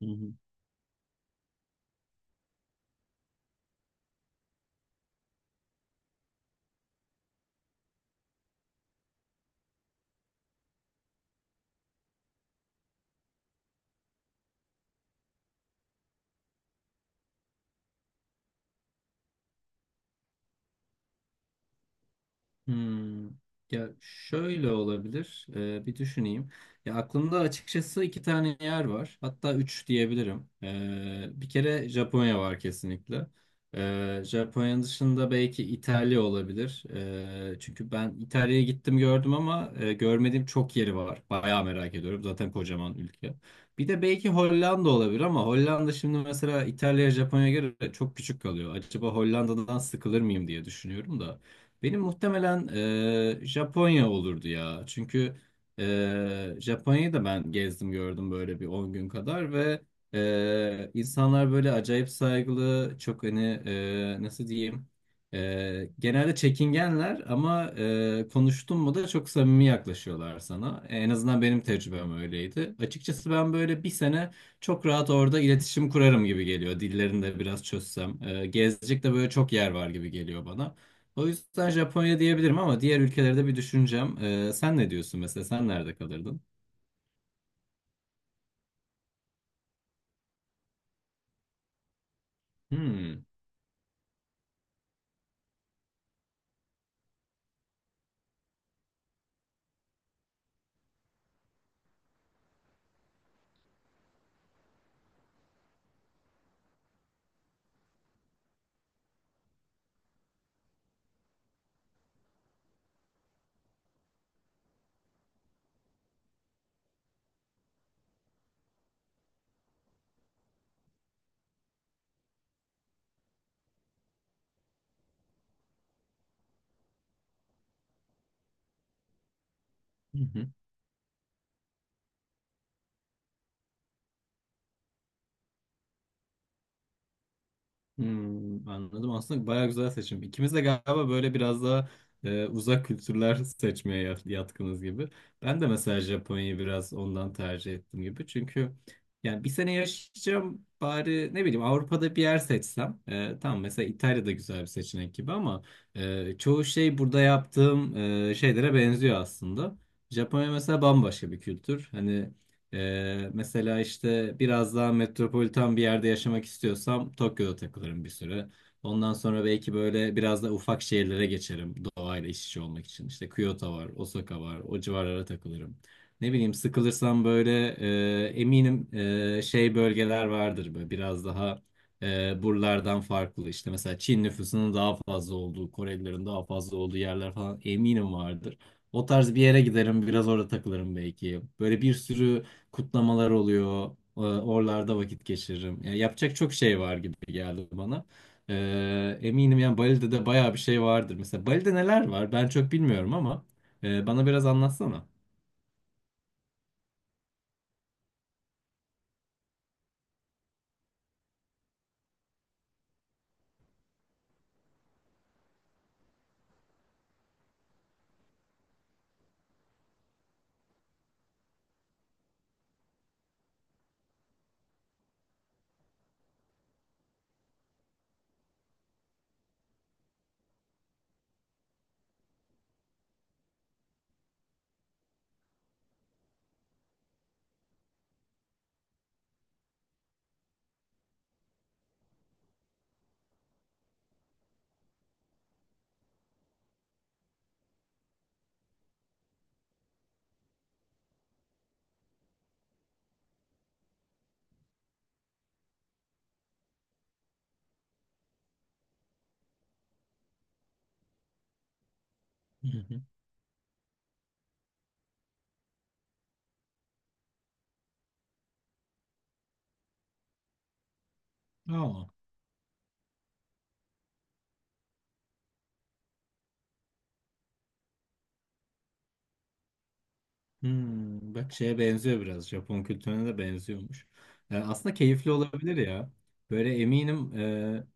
Hı hı. Hmm. Ya şöyle olabilir. Bir düşüneyim. Ya aklımda açıkçası iki tane yer var. Hatta üç diyebilirim. Bir kere Japonya var kesinlikle. Japonya dışında belki İtalya olabilir. Çünkü ben İtalya'ya gittim gördüm ama görmediğim çok yeri var. Bayağı merak ediyorum. Zaten kocaman ülke. Bir de belki Hollanda olabilir ama Hollanda şimdi mesela İtalya'ya Japonya'ya göre çok küçük kalıyor. Acaba Hollanda'dan sıkılır mıyım diye düşünüyorum da. Benim muhtemelen Japonya olurdu ya. Çünkü Japonya'yı da ben gezdim gördüm böyle bir 10 gün kadar ve insanlar böyle acayip saygılı, çok hani, nasıl diyeyim, genelde çekingenler ama konuştun mu da çok samimi yaklaşıyorlar sana. En azından benim tecrübem öyleydi. Açıkçası ben böyle bir sene çok rahat orada iletişim kurarım gibi geliyor. Dillerini de biraz çözsem. Gezecek de böyle çok yer var gibi geliyor bana. O yüzden Japonya diyebilirim ama diğer ülkelerde bir düşüneceğim. Sen ne diyorsun mesela? Sen nerede kalırdın? Hmm. Hmm, anladım. Aslında bayağı güzel seçim. İkimiz de galiba böyle biraz daha uzak kültürler yatkınız gibi. Ben de mesela Japonya'yı biraz ondan tercih ettim gibi. Çünkü yani bir sene yaşayacağım bari ne bileyim Avrupa'da bir yer seçsem. E, tamam mesela İtalya'da güzel bir seçenek gibi ama çoğu şey burada yaptığım şeylere benziyor aslında. Japonya mesela bambaşka bir kültür. Hani mesela işte biraz daha metropolitan bir yerde yaşamak istiyorsam Tokyo'da takılırım bir süre. Ondan sonra belki böyle biraz da ufak şehirlere geçerim doğayla iç içe olmak için. İşte Kyoto var, Osaka var, o civarlara takılırım. Ne bileyim sıkılırsam böyle, eminim şey bölgeler vardır böyle biraz daha buralardan farklı. İşte mesela Çin nüfusunun daha fazla olduğu, Korelilerin daha fazla olduğu yerler falan eminim vardır. O tarz bir yere giderim, biraz orada takılırım belki. Böyle bir sürü kutlamalar oluyor. Oralarda vakit geçiririm. Yani yapacak çok şey var gibi geldi bana. Eminim yani Bali'de de bayağı bir şey vardır. Mesela Bali'de neler var? Ben çok bilmiyorum ama bana biraz anlatsana. Hı hı. Aa. Hmm, bak şeye benziyor biraz. Japon kültürüne de benziyormuş. Yani aslında keyifli olabilir ya. Böyle eminim,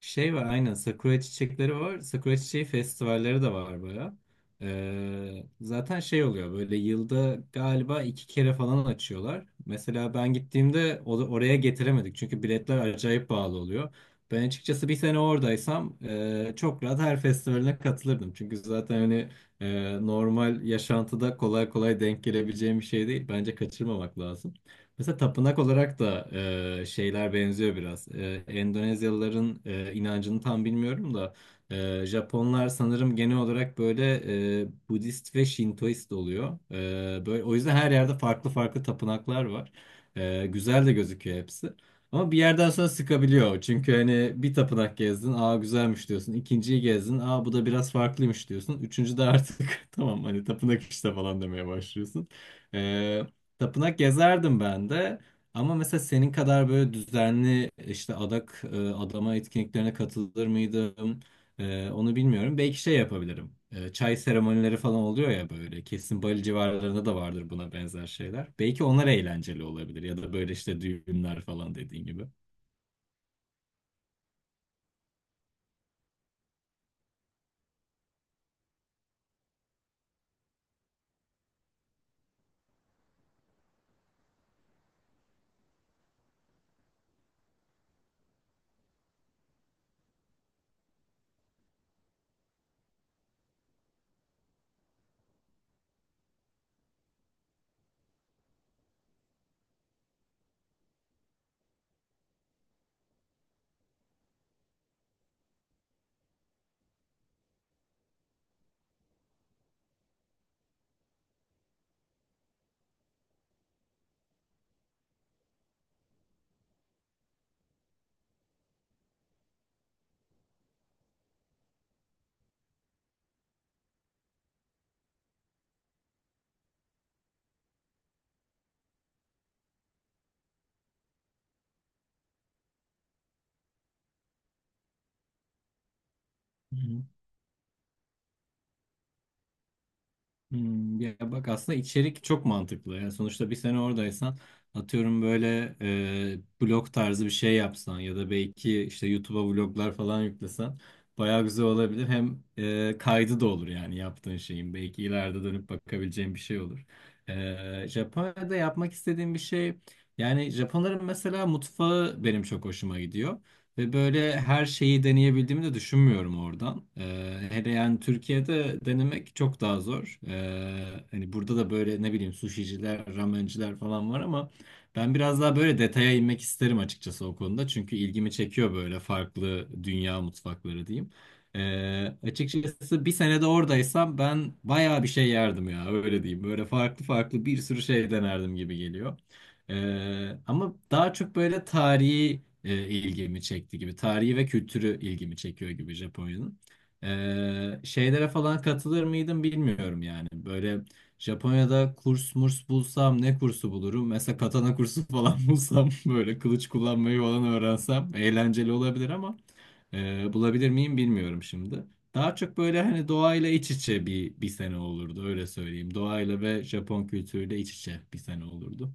şey var aynen, sakura çiçekleri var. Sakura çiçeği festivalleri de var baya. Zaten şey oluyor, böyle yılda galiba iki kere falan açıyorlar. Mesela ben gittiğimde oraya getiremedik çünkü biletler acayip pahalı oluyor. Ben açıkçası bir sene oradaysam çok rahat her festivaline katılırdım. Çünkü zaten hani normal yaşantıda kolay kolay denk gelebileceğim bir şey değil. Bence kaçırmamak lazım. Mesela tapınak olarak da şeyler benziyor biraz. Endonezyalıların inancını tam bilmiyorum da Japonlar sanırım genel olarak böyle Budist ve Şintoist oluyor. E, böyle o yüzden her yerde farklı farklı tapınaklar var. E, güzel de gözüküyor hepsi. Ama bir yerden sonra sıkabiliyor. Çünkü hani bir tapınak gezdin, aa güzelmiş diyorsun. İkinciyi gezdin, aa bu da biraz farklıymış diyorsun. Üçüncü de artık tamam hani tapınak işte falan demeye başlıyorsun. Tapınak gezerdim ben de. Ama mesela senin kadar böyle düzenli işte adak, adama etkinliklerine katılır mıydım? E, onu bilmiyorum. Belki şey yapabilirim. E, çay seremonileri falan oluyor ya böyle. Kesin Bali civarlarında da vardır buna benzer şeyler. Belki onlar eğlenceli olabilir ya da böyle işte düğünler falan dediğin gibi. Hmm, ya bak aslında içerik çok mantıklı. Yani sonuçta bir sene oradaysan atıyorum böyle blog tarzı bir şey yapsan ya da belki işte YouTube'a vloglar falan yüklesen bayağı güzel olabilir. Hem kaydı da olur yani yaptığın şeyin. Belki ileride dönüp bakabileceğin bir şey olur. E, Japonya'da yapmak istediğim bir şey, yani Japonların mesela mutfağı benim çok hoşuma gidiyor. Ve böyle her şeyi deneyebildiğimi de düşünmüyorum oradan. Hele yani Türkiye'de denemek çok daha zor. Hani burada da böyle ne bileyim suşiciler, ramenciler falan var ama ben biraz daha böyle detaya inmek isterim açıkçası o konuda. Çünkü ilgimi çekiyor böyle farklı dünya mutfakları diyeyim. Açıkçası bir senede oradaysam ben bayağı bir şey yerdim ya, öyle diyeyim. Böyle farklı farklı bir sürü şey denerdim gibi geliyor. Ama daha çok böyle tarihi ilgimi çekti gibi. Tarihi ve kültürü ilgimi çekiyor gibi Japonya'nın. E, şeylere falan katılır mıydım bilmiyorum yani. Böyle Japonya'da kurs murs bulsam ne kursu bulurum? Mesela katana kursu falan bulsam böyle kılıç kullanmayı falan öğrensem eğlenceli olabilir ama bulabilir miyim bilmiyorum şimdi. Daha çok böyle hani doğayla iç içe bir sene olurdu, öyle söyleyeyim. Doğayla ve Japon kültürüyle iç içe bir sene olurdu.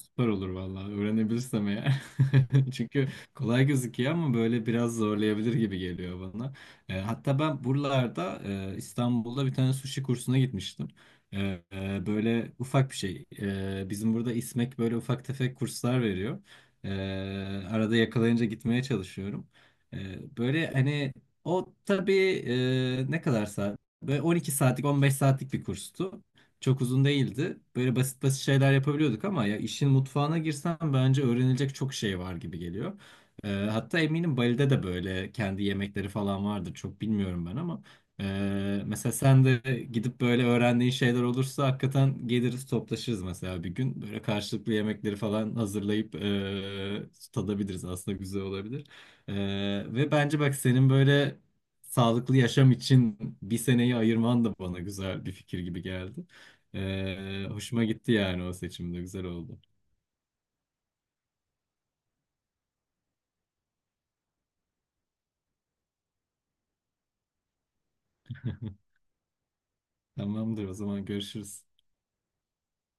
Süper olur vallahi, öğrenebilirsem eğer. Çünkü kolay gözüküyor ama böyle biraz zorlayabilir gibi geliyor bana. Hatta ben buralarda İstanbul'da bir tane sushi kursuna gitmiştim. E, Böyle ufak bir şey. E, bizim burada İSMEK böyle ufak tefek kurslar veriyor. E, Arada yakalayınca gitmeye çalışıyorum. E, böyle hani o tabii, ne kadar saat? Böyle 12 saatlik 15 saatlik bir kurstu. Çok uzun değildi. Böyle basit basit şeyler yapabiliyorduk ama ya işin mutfağına girsem bence öğrenilecek çok şey var gibi geliyor. Hatta eminim Bali'de de böyle kendi yemekleri falan vardır. Çok bilmiyorum ben ama mesela sen de gidip böyle öğrendiğin şeyler olursa hakikaten geliriz toplaşırız mesela bir gün. Böyle karşılıklı yemekleri falan hazırlayıp tadabiliriz. Aslında güzel olabilir. Ee, Ve bence bak senin böyle sağlıklı yaşam için bir seneyi ayırman da bana güzel bir fikir gibi geldi. Hoşuma gitti yani, o seçimde güzel oldu. Tamamdır o zaman, görüşürüz.